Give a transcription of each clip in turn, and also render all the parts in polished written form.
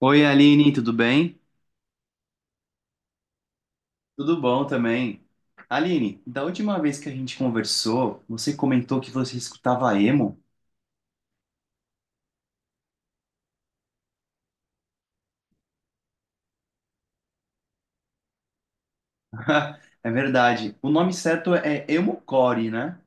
Oi, Aline, tudo bem? Tudo bom também. Aline, da última vez que a gente conversou, você comentou que você escutava emo. É verdade. O nome certo é emo-core, né?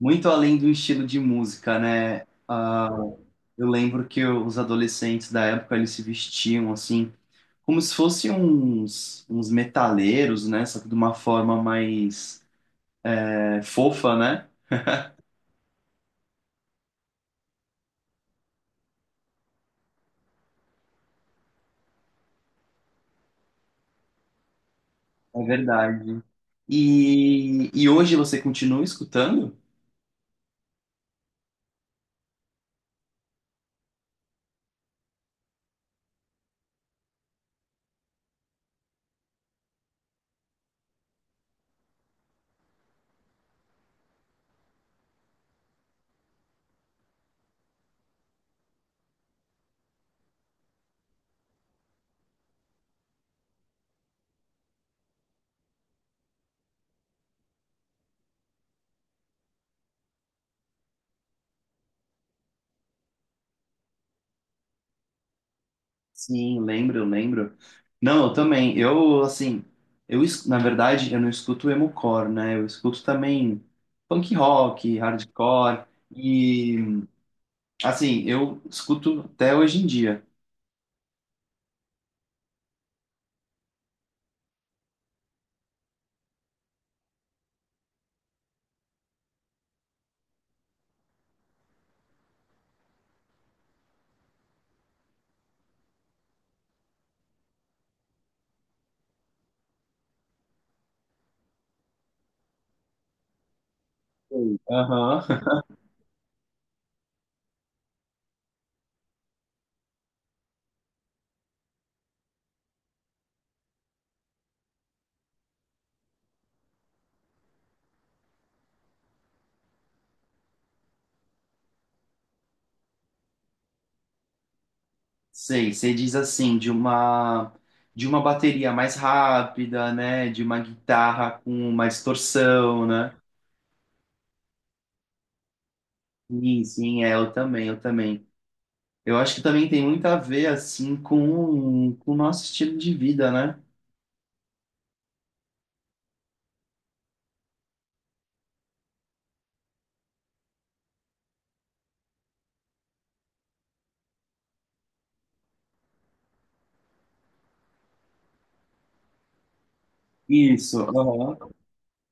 Muito além do estilo de música, né? Ah, eu lembro que os adolescentes da época eles se vestiam assim, como se fossem uns metaleiros, né? Só que de uma forma mais fofa, né? É verdade. E hoje você continua escutando? Sim, lembro, lembro. Não, eu também. Eu, assim, na verdade, eu não escuto emo-core, né? Eu escuto também punk rock, hardcore, e, assim, eu escuto até hoje em dia. Sim. Aham. Sei, você diz assim, de uma bateria mais rápida, né? De uma guitarra com uma distorção, né? Sim, sim, é, eu também, eu também. Eu acho que também tem muito a ver, assim, com o nosso estilo de vida, né? Isso, aham,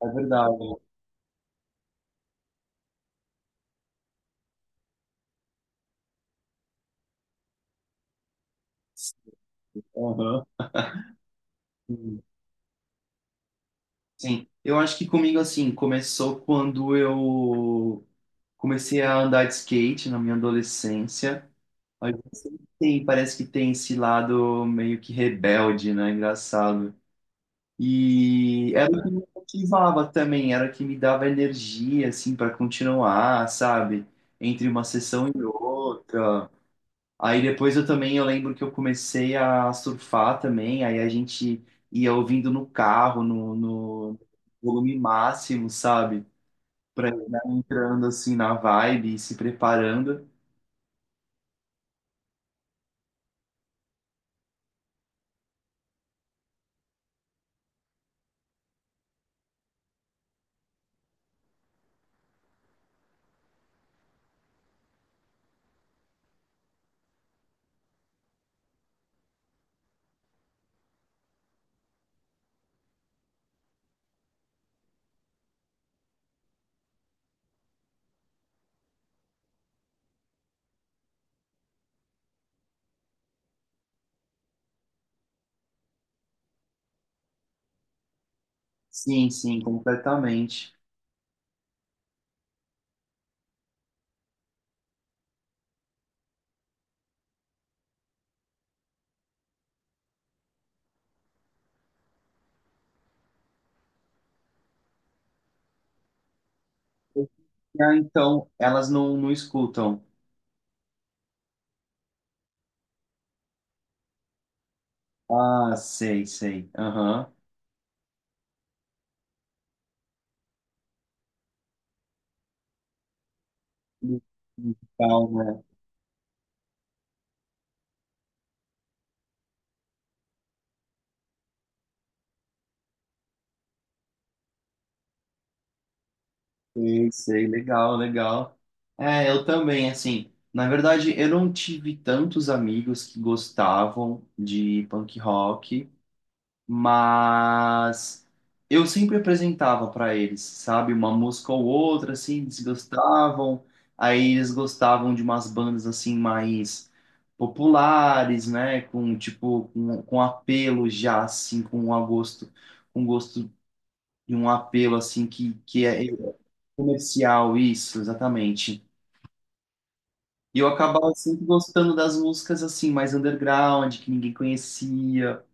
é verdade. Aham, sim. Sim. Eu acho que comigo, assim, começou quando eu comecei a andar de skate na minha adolescência. Mas sempre tem, parece que tem esse lado meio que rebelde, né? Engraçado. E era o que me motivava também, era o que me dava energia, assim, para continuar, sabe? Entre uma sessão e outra. Aí depois eu também, eu lembro que eu comecei a surfar também, aí a gente ia ouvindo no carro, no volume máximo, sabe? Pra ir né, entrando assim na vibe e se preparando. Sim, sim, completamente. Ah, então, elas não escutam. Ah, sei, sei. Aham. Musical, né? Sei, sei, legal, legal. É, eu também, assim, na verdade, eu não tive tantos amigos que gostavam de punk rock, mas eu sempre apresentava para eles, sabe, uma música ou outra, assim, eles gostavam, aí eles gostavam de umas bandas, assim, mais populares, né, com, tipo, com apelo já, assim, com um gosto e um apelo assim que é comercial, isso, exatamente. E eu acabava sempre gostando das músicas assim, mais underground, que ninguém conhecia.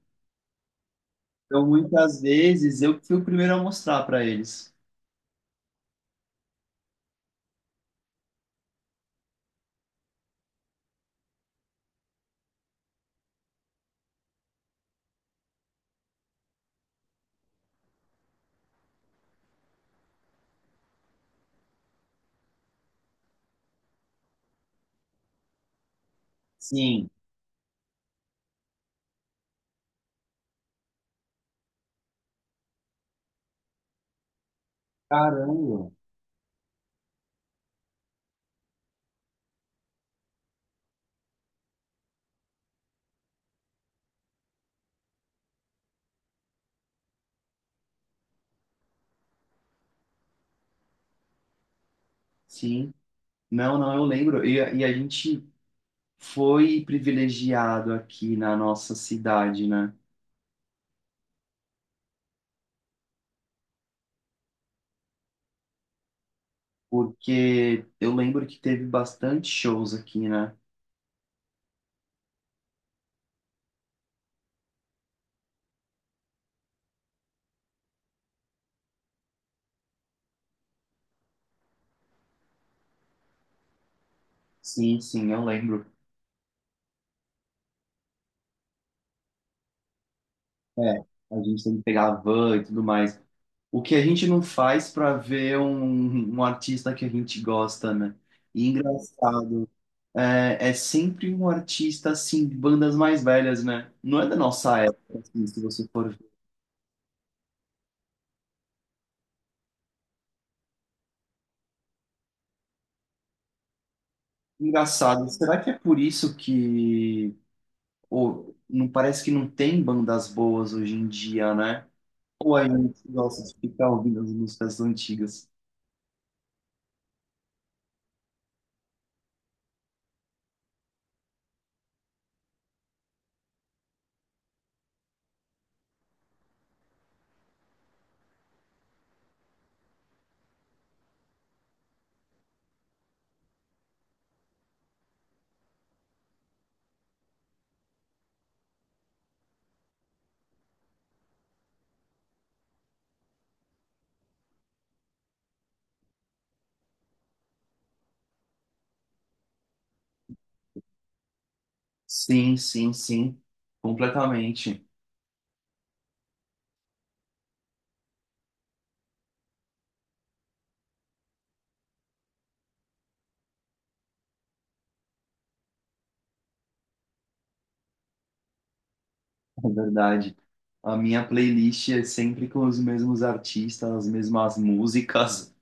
Então, muitas vezes, eu que fui o primeiro a mostrar para eles. Sim, caramba. Sim. Não, não, eu lembro. E a gente foi privilegiado aqui na nossa cidade, né? Porque eu lembro que teve bastante shows aqui, né? Sim, sim, eu lembro. É, a gente tem que pegar a van e tudo mais. O que a gente não faz para ver um artista que a gente gosta, né? E engraçado, é, é sempre um artista assim, de bandas mais velhas, né? Não é da nossa época, assim, se você for ver. Engraçado, será que é por isso que ou, não parece que não tem bandas boas hoje em dia, né? Ou a gente gosta de ficar ouvindo as músicas antigas? Sim, sim, sim, completamente. É verdade. A minha playlist é sempre com os mesmos artistas, as mesmas músicas.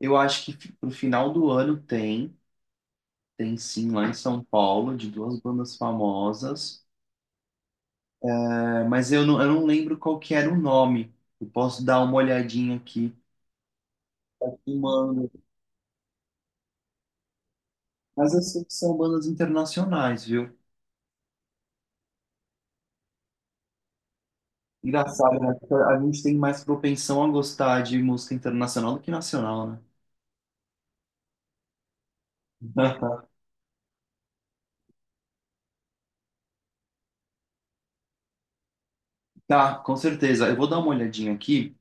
Eu acho que pro final do ano tem, tem sim lá em São Paulo, de duas bandas famosas. É, mas eu não lembro qual que era o nome. Eu posso dar uma olhadinha aqui. E mando. Mas eu sei que são bandas internacionais, viu? Engraçado, né? Porque a gente tem mais propensão a gostar de música internacional do que nacional, né? Tá, com certeza. Eu vou dar uma olhadinha aqui.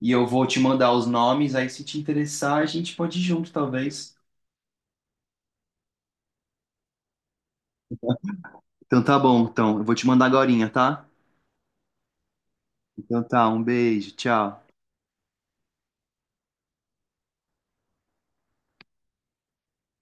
E eu vou te mandar os nomes, aí se te interessar, a gente pode ir junto, talvez. Então tá bom, então. Eu vou te mandar agorinha, tá? Então tá, um beijo, tchau.